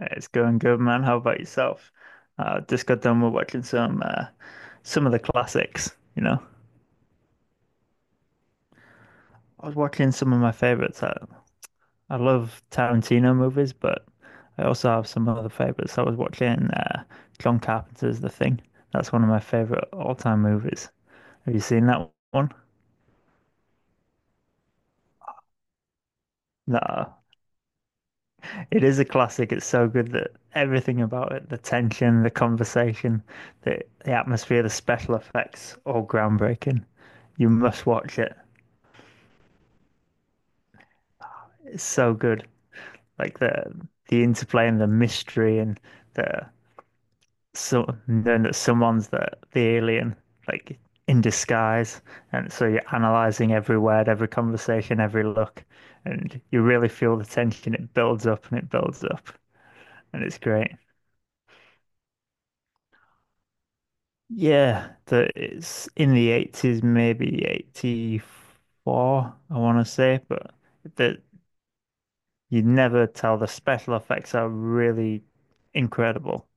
It's going good, man. How about yourself? Just got done with watching some some of the classics, you know. I was watching some of my favorites. I love Tarantino movies, but I also have some other favorites. I was watching John Carpenter's The Thing. That's one of my favorite all-time movies. Have you seen that one? No, it is a classic. It's so good that everything about it, the tension, the conversation, the atmosphere, the special effects, all groundbreaking. You must watch it. It's so good. Like the the interplay and the mystery and the so knowing that someone's the alien, like in disguise. And so you're analyzing every word, every conversation, every look, and you really feel the tension. It builds up and it builds up, and it's great. Yeah, that it's in the 80s, maybe 84, I want to say, but that you never tell, the special effects are really incredible.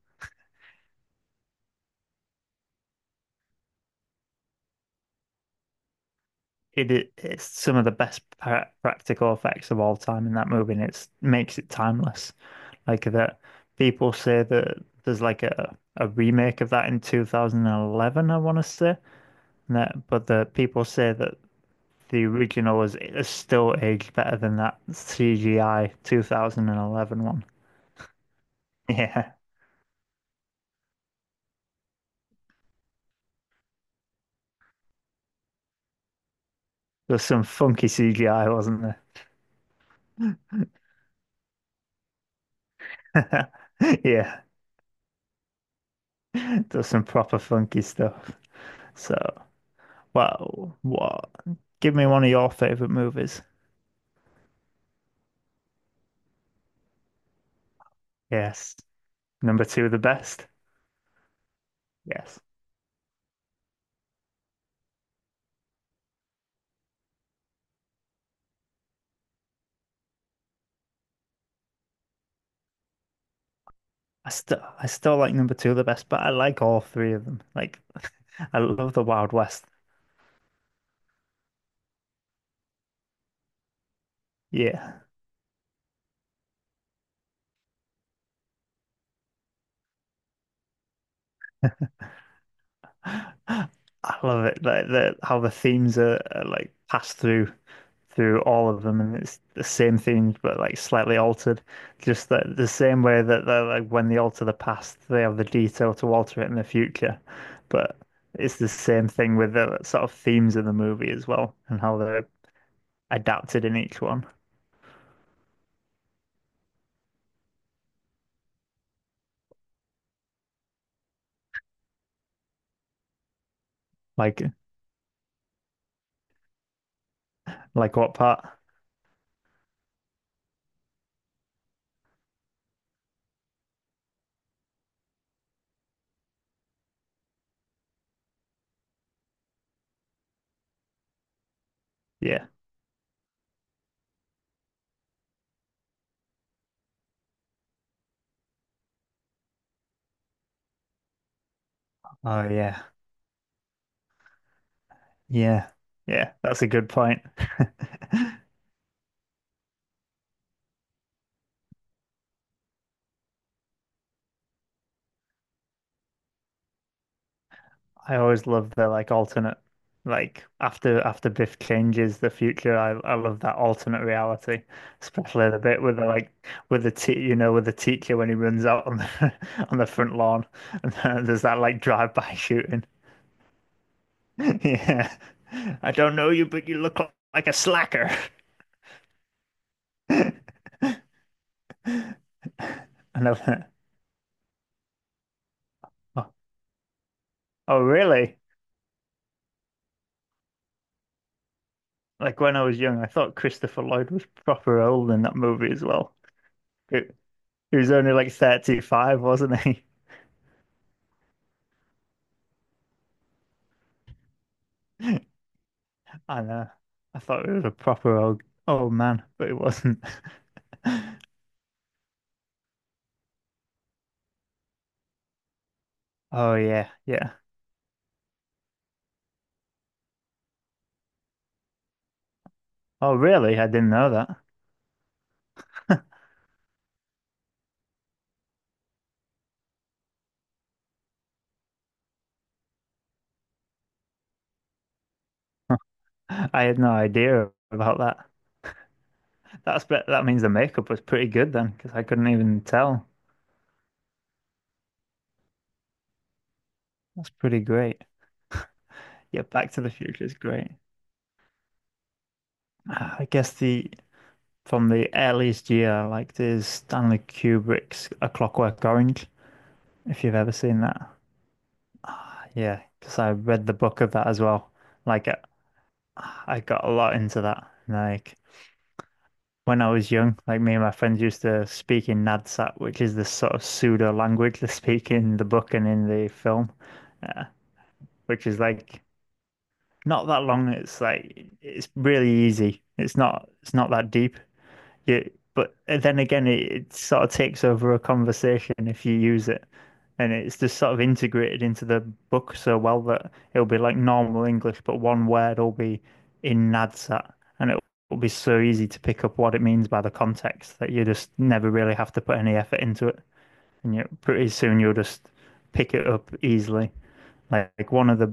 It it's some of the best practical effects of all time in that movie, and it's makes it timeless. Like that, people say that there's like a remake of that in 2011, I want to say, but the people say that the original is still aged better than that CGI 2011 one. Yeah, there's some funky CGI, wasn't there? Yeah, there's some proper funky stuff. So. Well, what? Give me one of your favorite movies. Yes. Number two, the best. Yes. I still like number two the best, but I like all three of them. Like, I love the Wild West. Yeah. I love it. Like the how the themes are like passed through all of them, and it's the same themes but like slightly altered. Just that the same way that they're, like when they alter the past, they have the detail to alter it in the future. But it's the same thing with the sort of themes of the movie as well, and how they're adapted in each one. Like, like what part? Yeah. Oh yeah. Yeah. Yeah. That's a good point. I always love the like alternate, like after Biff changes the future. I love that alternate reality, especially the bit with the like with the te you know with the teacher when he runs out on the on the front lawn and then there's that like drive-by shooting. Yeah, I don't know you, but you look like a slacker. I love that. Oh, oh, really? Like when I was young, I thought Christopher Lloyd was proper old in that movie as well. He he was only like 35, wasn't he? I know. I thought it was a proper old man, but it wasn't. Oh yeah, yeah. Oh really? I didn't know that. I had no idea about that. That means the makeup was pretty good then, because I couldn't even tell. That's pretty great. Yeah, Back to the Future is great. Ah, I guess the from the earliest year I liked is Stanley Kubrick's A Clockwork Orange, if you've ever seen that. Yeah, because I read the book of that as well. Like I I got a lot into that. Like when I was young, like me and my friends used to speak in Nadsat, which is the sort of pseudo language they speak in the book and in the film, uh, which is like not that long. It's like it's really easy. It's not that deep. Yeah, but then again, it sort of takes over a conversation if you use it, and it's just sort of integrated into the book so well that it'll be like normal English, but one word will be in Nadsat, and it will be so easy to pick up what it means by the context that you just never really have to put any effort into it, and you pretty soon you'll just pick it up easily. Like one of the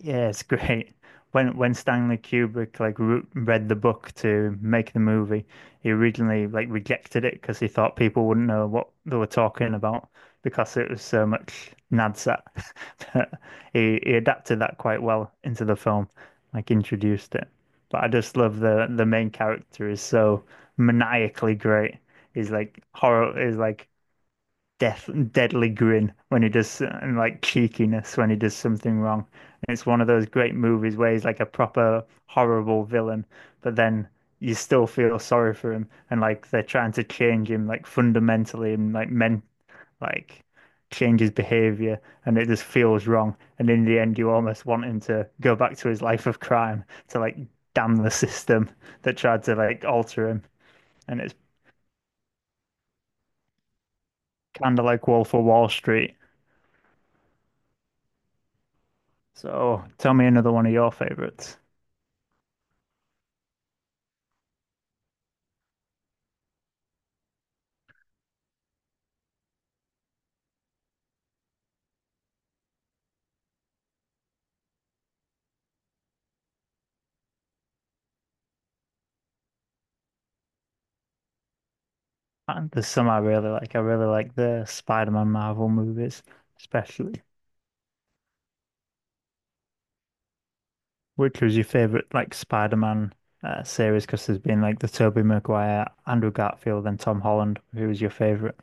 Yeah, it's great. When Stanley Kubrick like re read the book to make the movie, he originally like rejected it because he thought people wouldn't know what they were talking about because it was so much Nadsat. But he adapted that quite well into the film, like introduced it. But I just love the main character is so maniacally great. He's like horror is like death deadly grin when he does and like cheekiness when he does something wrong. And it's one of those great movies where he's like a proper horrible villain, but then you still feel sorry for him and like they're trying to change him like fundamentally and like men like change his behavior and it just feels wrong. And in the end you almost want him to go back to his life of crime to like damn the system that tried to like alter him. And it's kind of like Wolf of Wall Street. So tell me another one of your favorites. And there's some I really like. I really like the Spider-Man Marvel movies, especially. Which was your favorite, like Spider-Man series? Because there's been like the Tobey Maguire, Andrew Garfield, and Tom Holland. Who was your favorite?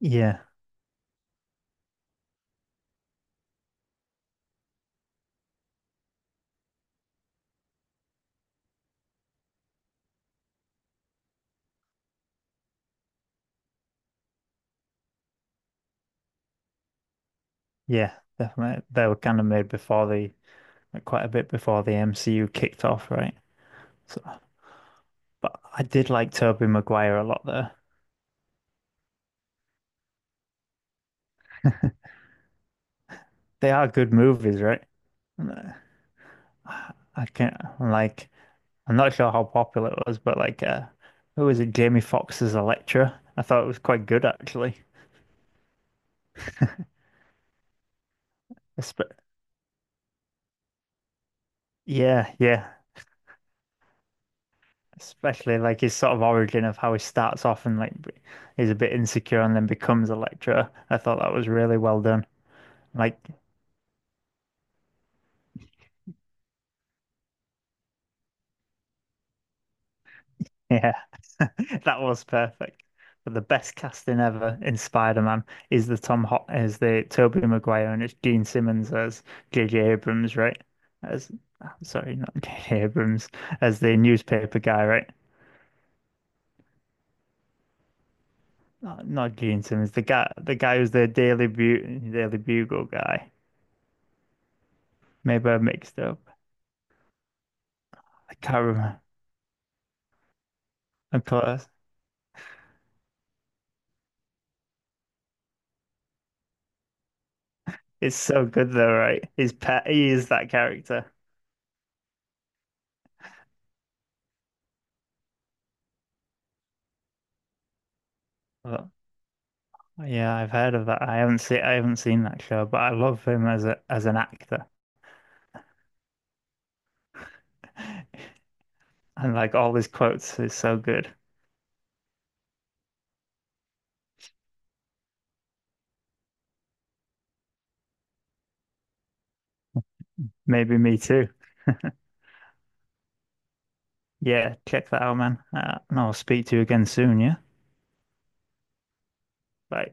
Yeah, yeah, definitely. They were kind of made before the, like, quite a bit before the MCU kicked off, right? So, but I did like Tobey Maguire a lot, though. They are good movies, right? And, I can't like. I'm not sure how popular it was, but who was it? Jamie Foxx as a lecturer. I thought it was quite good actually. Espe- yeah, yeah. Especially like his sort of origin of how he starts off and he's a bit insecure and then becomes a lecturer. I thought that was really well done. Like, yeah. That was perfect. But the best casting ever in Spider-Man is the Tobey Maguire and it's Gene Simmons as J J Abrams, right? As sorry, not J.J. Abrams, as the newspaper guy, right? Not Gene Simmons, the guy who's the Daily Bugle guy. Maybe I mixed up. I can't remember. Of course. It's so good though, right? His pet He is that character. Yeah, I've heard of that. I haven't seen that show, but I love him as a as an actor. And like all his quotes is so good. Maybe me too. Yeah, check that out, man. And I'll speak to you again soon, yeah? Bye.